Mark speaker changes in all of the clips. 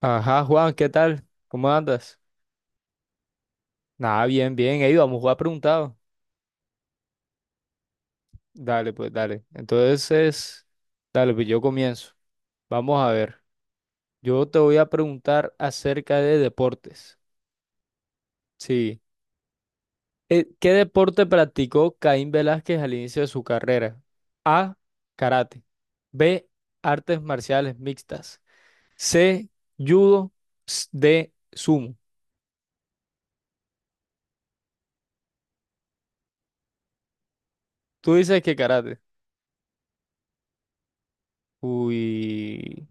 Speaker 1: Ajá, Juan, ¿qué tal? ¿Cómo andas? Nada, bien, bien. Ey, vamos a jugar preguntado. Dale, pues, dale. Entonces, dale, pues yo comienzo. Vamos a ver. Yo te voy a preguntar acerca de deportes. Sí. ¿Qué deporte practicó Caín Velázquez al inicio de su carrera? A, karate. B, artes marciales mixtas. C, judo. D, sumo. Tú dices que karate. Uy,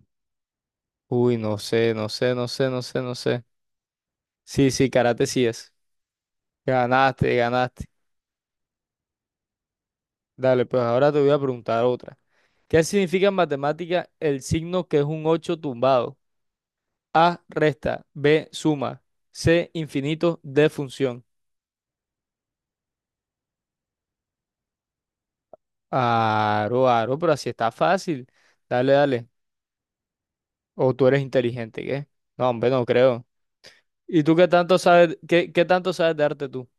Speaker 1: uy, no sé, no sé, no sé, no sé, no sé. Sí, sí, karate sí es. Ganaste, ganaste. Dale, pues ahora te voy a preguntar otra. ¿Qué significa en matemática el signo que es un 8 tumbado? A, resta. B, suma. C, infinito. D, función. Aro, aro, pero así está fácil. Dale, dale. O tú eres inteligente, ¿qué? No, hombre, no creo. ¿Y tú qué tanto sabes, qué tanto sabes de arte tú?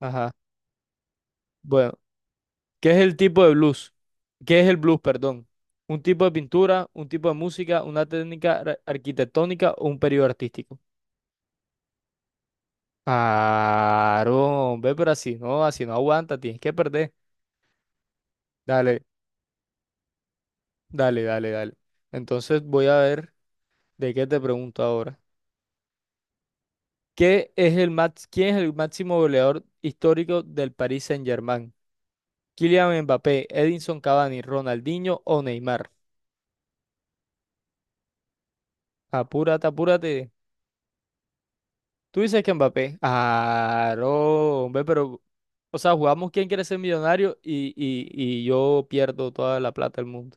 Speaker 1: Ajá, bueno. ¿Qué es el tipo de blues? ¿Qué es el blues, perdón? ¿Un tipo de pintura, un tipo de música, una técnica arquitectónica o un periodo artístico? Claro, ve, pero así no aguanta, tienes que perder. Dale, dale, dale, dale. Entonces voy a ver de qué te pregunto ahora. ¿Qué es el max- ¿Quién es el máximo goleador histórico del Paris Saint-Germain? ¿Kylian Mbappé, Edinson Cavani, Ronaldinho o Neymar? Apúrate, apúrate. Tú dices que Mbappé. Ah, no, hombre, pero. O sea, jugamos quién quiere ser millonario y yo pierdo toda la plata del mundo.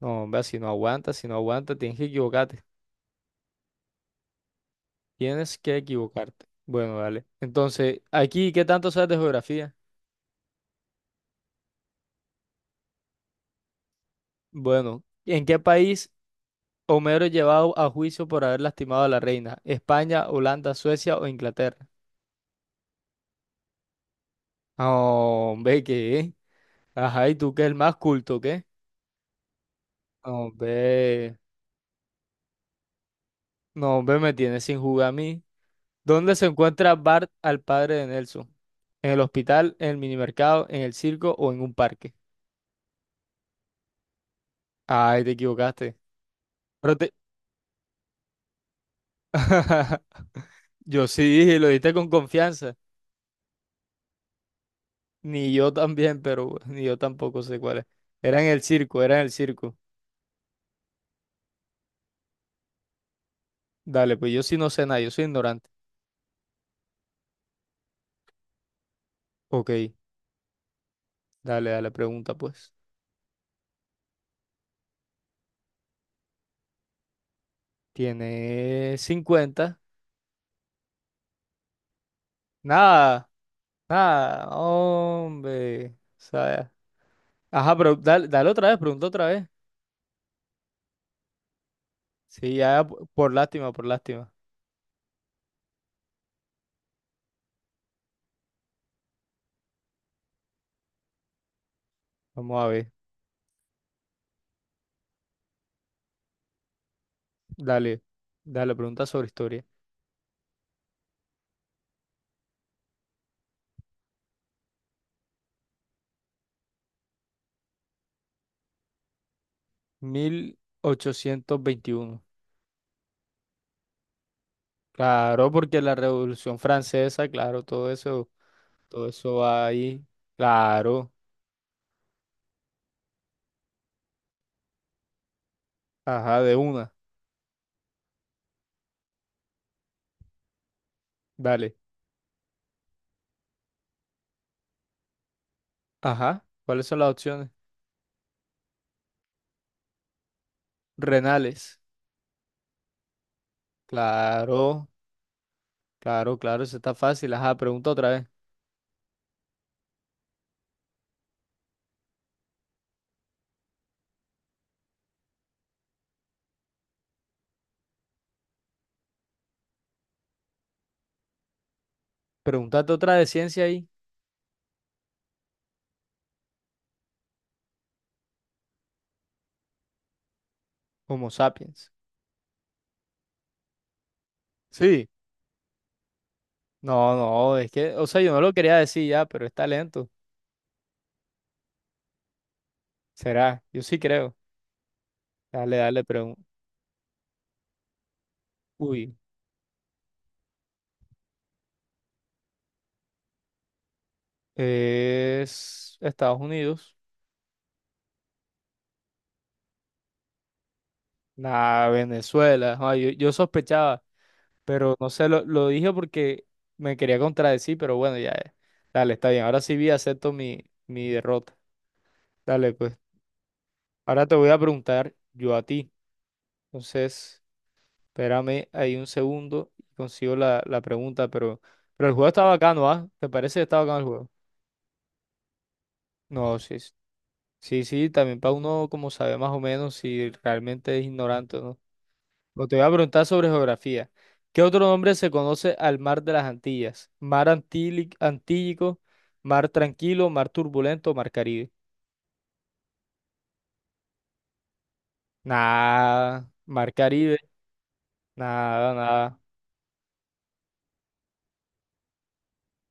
Speaker 1: No, hombre, si no aguantas, si no aguantas, tienes que equivocarte. Tienes que equivocarte. Bueno, dale. Entonces, aquí, ¿qué tanto sabes de geografía? Bueno, ¿en qué país Homero es llevado a juicio por haber lastimado a la reina? ¿España, Holanda, Suecia o Inglaterra? No, hombre, ¿qué? Ajá, ¿y tú que es el más culto, qué? No, hombre. No, hombre, me tienes sin jugar a mí. ¿Dónde se encuentra Bart al padre de Nelson? ¿En el hospital, en el minimercado, en el circo o en un parque? Ay, te equivocaste. Pero te- Yo sí dije, lo dijiste con confianza. Ni yo también, pero ni yo tampoco sé cuál es. Era en el circo, era en el circo. Dale, pues yo sí no sé nada, yo soy ignorante. Ok, dale, dale, pregunta pues. Tiene 50. Nada, nada, hombre. O sea, ajá, pero dale, dale otra vez, pregunta otra vez. Sí, por lástima, por lástima. Vamos a ver. Dale, dale, pregunta sobre historia. 1821. Claro, porque la Revolución Francesa, claro, todo eso va ahí. Claro, ajá, de una. Dale, ajá. ¿Cuáles son las opciones? Renales. Claro, claro, claro, eso está fácil. Ajá, pregunta otra vez. Pregúntate otra de ciencia ahí. Homo sapiens. Sí. No, no, es que, o sea, yo no lo quería decir ya, pero está lento. Será, yo sí creo. Dale, dale, pregunta. Uy, es Estados Unidos. Nah, Venezuela. Ah, yo sospechaba, pero no sé, lo dije porque me quería contradecir, pero bueno, ya. Dale, está bien. Ahora sí vi, acepto mi derrota. Dale, pues. Ahora te voy a preguntar yo a ti. Entonces, espérame ahí un segundo y consigo la pregunta, pero el juego está bacano, ¿ah? ¿Te parece que está bacano el juego? No, sí, sí. Sí, sí, también para uno como sabe más o menos si realmente es ignorante o no. Pero te voy a preguntar sobre geografía. ¿Qué otro nombre se conoce al mar de las Antillas? Mar Antílico, mar tranquilo, mar turbulento, mar Caribe. Nada, mar Caribe, nada, nada.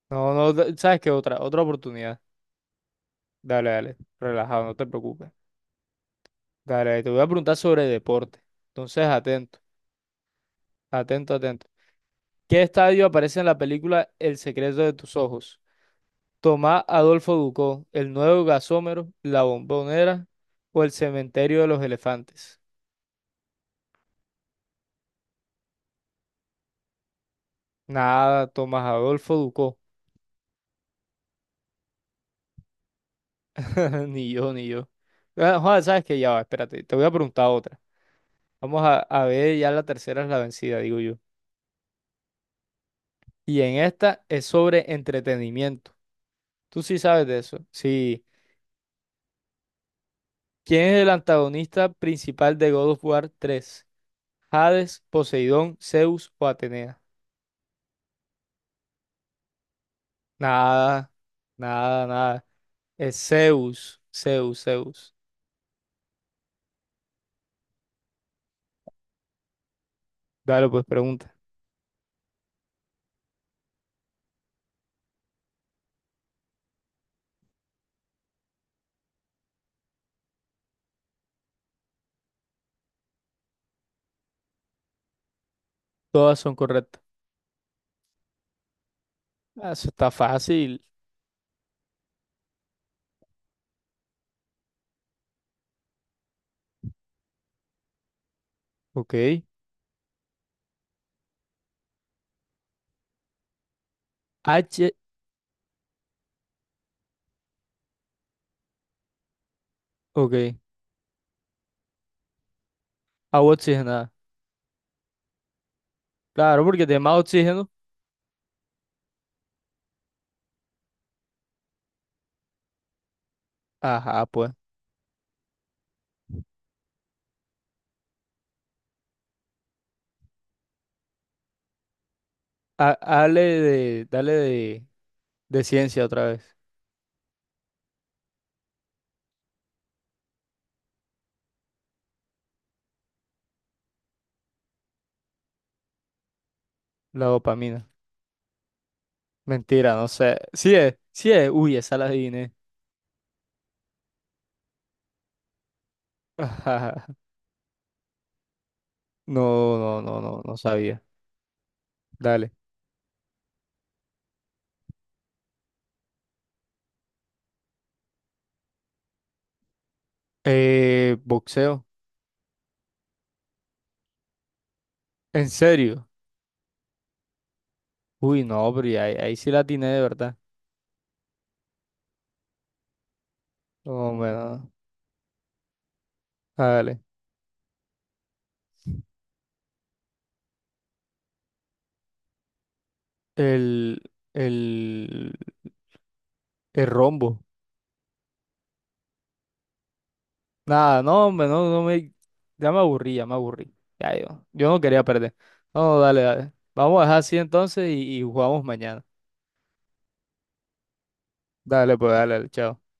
Speaker 1: No, no, ¿sabes qué? Otra, otra oportunidad. Dale, dale, relajado, no te preocupes. Dale, te voy a preguntar sobre deporte. Entonces, atento, atento, atento. ¿Qué estadio aparece en la película El secreto de tus ojos? Tomás Adolfo Ducó, el nuevo gasómero, la bombonera o el cementerio de los elefantes. Nada, Tomás Adolfo Ducó. Ni yo, ni yo. Ah, joder, sabes que ya va, espérate, te voy a preguntar otra. Vamos a ver, ya la tercera es la vencida, digo yo. Y en esta es sobre entretenimiento. Tú sí sabes de eso. Sí. ¿Quién es el antagonista principal de God of War 3? ¿Hades, Poseidón, Zeus o Atenea? Nada, nada, nada. Es Zeus, Zeus, Zeus. Dale, pues pregunta. Todas son correctas. Ah, eso está fácil. Ok. H, ok. Agua oxigenada. Claro, porque tiene más oxígeno. Ajá, pues. Dale de ciencia otra vez. La dopamina. Mentira, no sé. Sí es, sí es. Uy, esa la adiviné. Ajá. No, no, no, no, no sabía. Dale. Boxeo. ¿En serio? Uy, no, pero ahí, ahí sí la atiné de verdad. Oh, bueno. Dale. El, el, el rombo. Nada, no, hombre, no, no me. Ya me aburrí, ya me aburrí. Ya yo. Yo no quería perder. No, dale, dale. Vamos a dejar así entonces y jugamos mañana. Dale, pues, dale, dale, chao.